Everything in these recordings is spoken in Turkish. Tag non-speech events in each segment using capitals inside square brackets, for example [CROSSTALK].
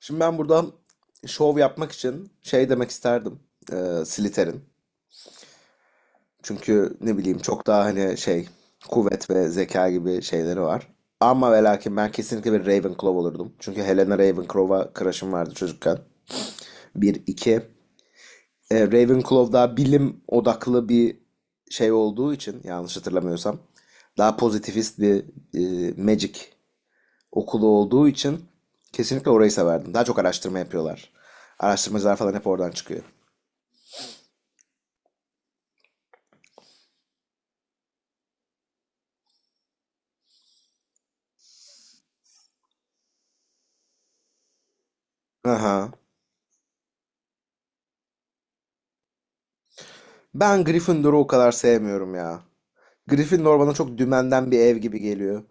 Şimdi ben burada şov yapmak için şey demek isterdim. Slytherin. Çünkü ne bileyim çok daha hani şey kuvvet ve zeka gibi şeyleri var. Ama ve lakin ben kesinlikle bir Ravenclaw olurdum. Çünkü Helena Ravenclaw'a crush'ım vardı çocukken. Bir, iki. Ravenclaw daha bilim odaklı bir şey olduğu için yanlış hatırlamıyorsam. Daha pozitivist bir magic okulu olduğu için kesinlikle orayı severdim. Daha çok araştırma yapıyorlar. Araştırmacılar falan hep oradan çıkıyor. Aha. Ben Gryffindor'u o kadar sevmiyorum ya. Gryffindor bana çok dümenden bir ev gibi geliyor.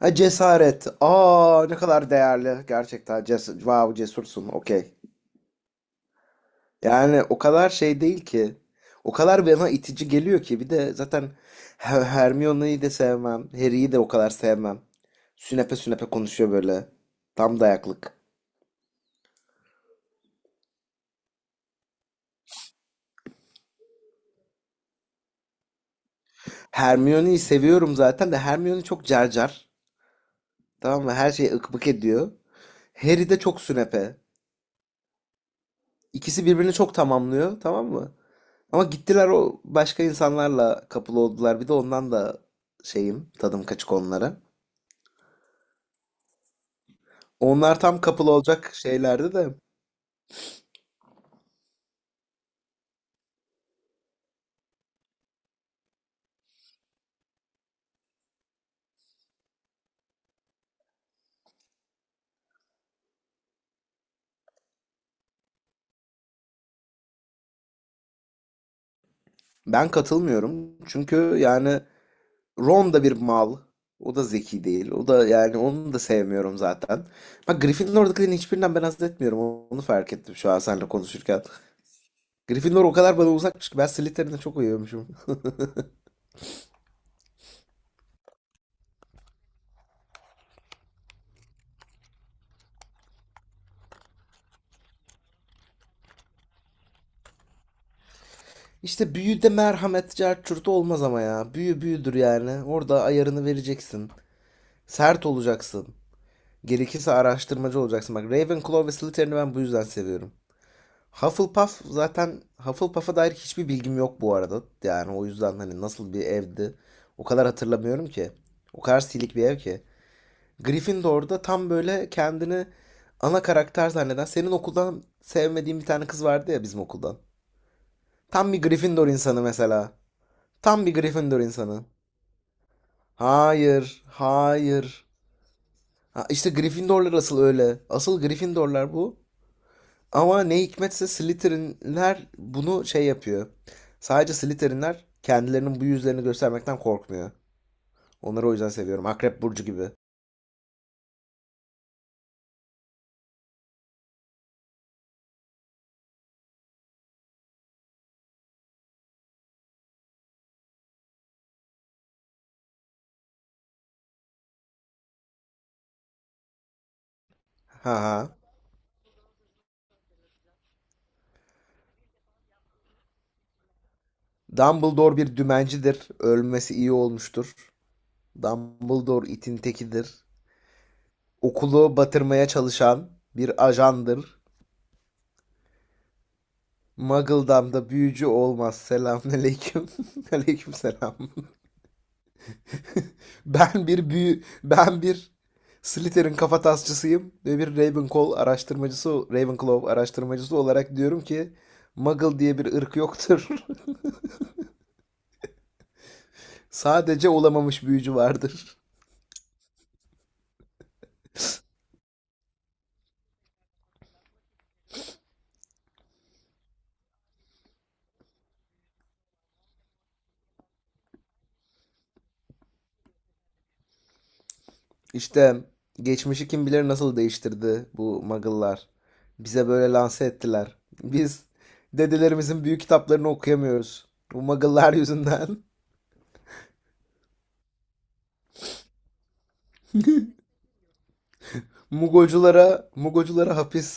Ha, cesaret. Aa ne kadar değerli. Gerçekten wow, cesursun. Okey. Yani o kadar şey değil ki. O kadar bana itici geliyor ki. Bir de zaten Hermione'yi de sevmem. Harry'yi de o kadar sevmem. Sünepe sünepe konuşuyor böyle. Tam dayaklık. Hermione'yi seviyorum zaten de Hermione çok carcar. Tamam mı? Her şeyi ıkmık ediyor. Harry de çok sünepe. İkisi birbirini çok tamamlıyor, tamam mı? Ama gittiler o başka insanlarla kapılı oldular. Bir de ondan da şeyim, tadım kaçık onlara. Onlar tam kapılı olacak şeylerdi de ben katılmıyorum. Çünkü yani Ron da bir mal. O da zeki değil. O da yani onu da sevmiyorum zaten. Bak Gryffindor'dakilerin hiçbirinden ben haz etmiyorum. Onu fark ettim şu an seninle konuşurken. Gryffindor o kadar bana uzakmış ki ben Slytherin'e çok uyuyormuşum. İşte büyüde merhamet cart curt olmaz ama ya. Büyü büyüdür yani. Orada ayarını vereceksin. Sert olacaksın. Gerekirse araştırmacı olacaksın. Bak Ravenclaw ve Slytherin'i ben bu yüzden seviyorum. Hufflepuff zaten Hufflepuff'a dair hiçbir bilgim yok bu arada. Yani o yüzden hani nasıl bir evdi o kadar hatırlamıyorum ki. O kadar silik bir ev ki. Gryffindor'da tam böyle kendini ana karakter zanneden senin okuldan sevmediğin bir tane kız vardı ya bizim okuldan. Tam bir Gryffindor insanı mesela. Tam bir Gryffindor insanı. Hayır, hayır. Ha, işte Gryffindorlar asıl öyle. Asıl Gryffindorlar bu. Ama ne hikmetse Slytherinler bunu şey yapıyor. Sadece Slytherinler kendilerinin bu yüzlerini göstermekten korkmuyor. Onları o yüzden seviyorum. Akrep Burcu gibi. Ha ha. Dumbledore bir dümencidir. Ölmesi iyi olmuştur. Dumbledore itin tekidir. Okulu batırmaya çalışan bir ajandır. Muggledam'da büyücü olmaz. Selamünaleyküm. [LAUGHS] Aleykümselam. Ben bir Slytherin kafatasçısıyım ve bir Ravenclaw araştırmacısı olarak diyorum ki Muggle diye bir ırk yoktur. [LAUGHS] Sadece olamamış büyücü vardır. İşte geçmişi kim bilir nasıl değiştirdi bu Muggle'lar. Bize böyle lanse ettiler. Biz dedelerimizin büyük kitaplarını okuyamıyoruz. Bu Muggle'lar yüzünden. Mugoculara, Mugoculara hapis.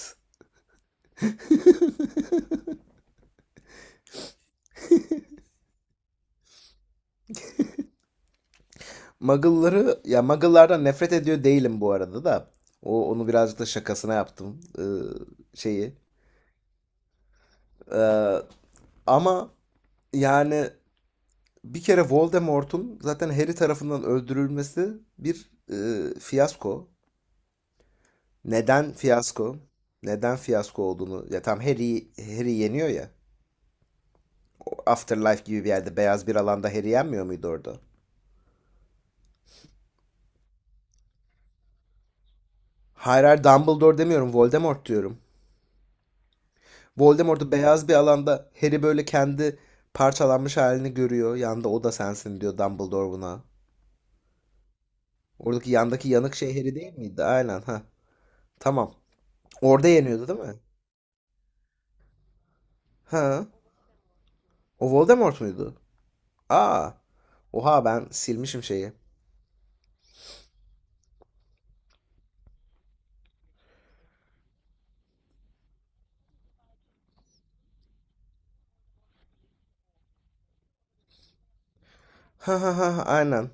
Muggle'ları, ya Muggle'lardan nefret ediyor değilim bu arada da. O onu birazcık da şakasına yaptım şeyi. Ee, ama yani bir kere Voldemort'un zaten Harry tarafından öldürülmesi bir fiyasko. Neden fiyasko? Neden fiyasko olduğunu. Ya tam Harry Harry yeniyor ya. Afterlife gibi bir yerde beyaz bir alanda Harry yenmiyor muydu orada? Hayır hayır Dumbledore demiyorum, Voldemort diyorum. Voldemort'u beyaz bir alanda Harry böyle kendi parçalanmış halini görüyor. Yanda o da sensin diyor Dumbledore buna. Oradaki yandaki yanık şey Harry değil miydi? Aynen ha. Tamam. Orada yeniyordu değil mi? Ha. O Voldemort muydu? Aa. Oha ben silmişim şeyi. Ha ha ha aynen.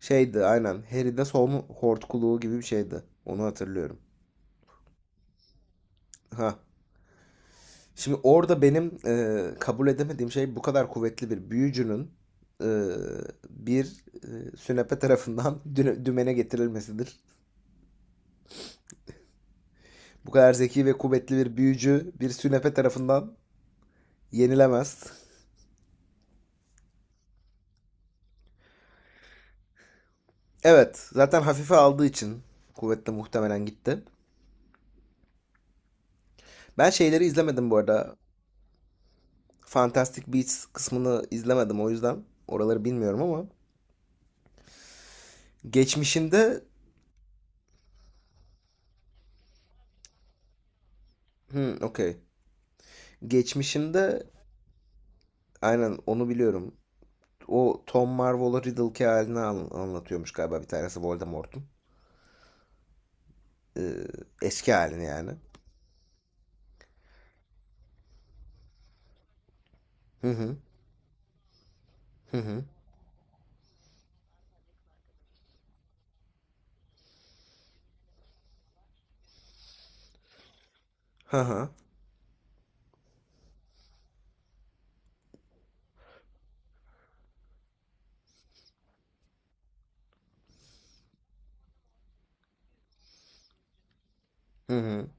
Şeydi aynen. Harry'de solun hortkuluğu gibi bir şeydi. Onu hatırlıyorum. Ha. Şimdi orada benim kabul edemediğim şey bu kadar kuvvetli bir büyücünün e, bir sünepe tarafından [LAUGHS] dümene getirilmesidir. Bu kadar zeki ve kuvvetli bir büyücü bir sünepe tarafından yenilemez. Evet, zaten hafife aldığı için kuvvetle muhtemelen gitti. Ben şeyleri izlemedim bu arada. Fantastic Beasts kısmını izlemedim o yüzden oraları bilmiyorum ama geçmişinde okey. Geçmişinde aynen onu biliyorum. O Tom Marvola Riddle'ki halini anlatıyormuş galiba bir tanesi Voldemort'un. Ee, eski halini yani. Hı hı. Hı hı. Ha ha. Hı hı.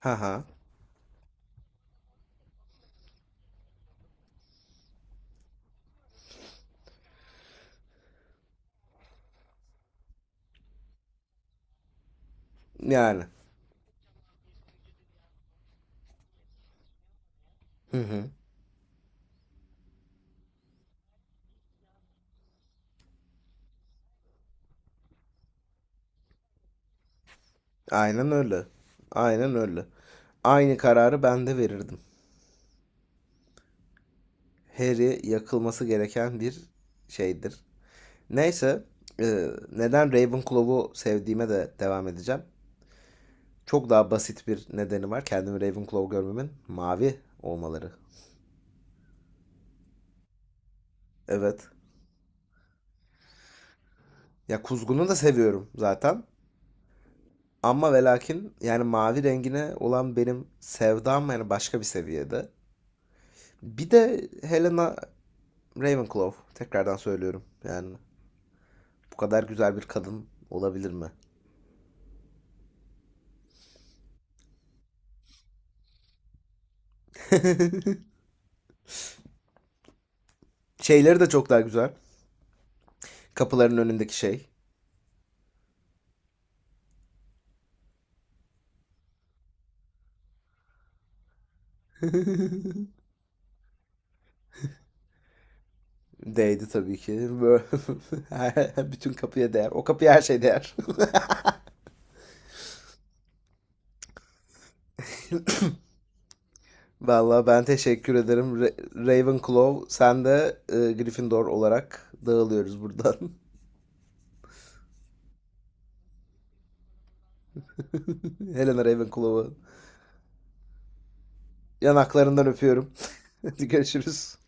Ha ha. Yani. Hı hı. Aynen öyle. Aynen öyle. Aynı kararı ben de verirdim. Harry yakılması gereken bir şeydir. Neyse, neden Ravenclaw'u sevdiğime de devam edeceğim. Çok daha basit bir nedeni var. Kendimi Ravenclaw görmemin mavi olmaları. Evet. Ya kuzgunu da seviyorum zaten. Ama ve lakin yani mavi rengine olan benim sevdam yani başka bir seviyede. Bir de Helena Ravenclaw. Tekrardan söylüyorum. Yani bu kadar güzel bir kadın olabilir mi? Şeyleri de çok daha güzel. Kapıların önündeki şey. [LAUGHS] Değdi tabii ki. [LAUGHS] Bütün kapıya değer. O kapıya her şey değer. [LAUGHS] Vallahi ben teşekkür ederim. Ravenclaw sen de Gryffindor olarak dağılıyoruz buradan. Helena Ravenclaw'ı yanaklarından öpüyorum. [LAUGHS] Hadi görüşürüz.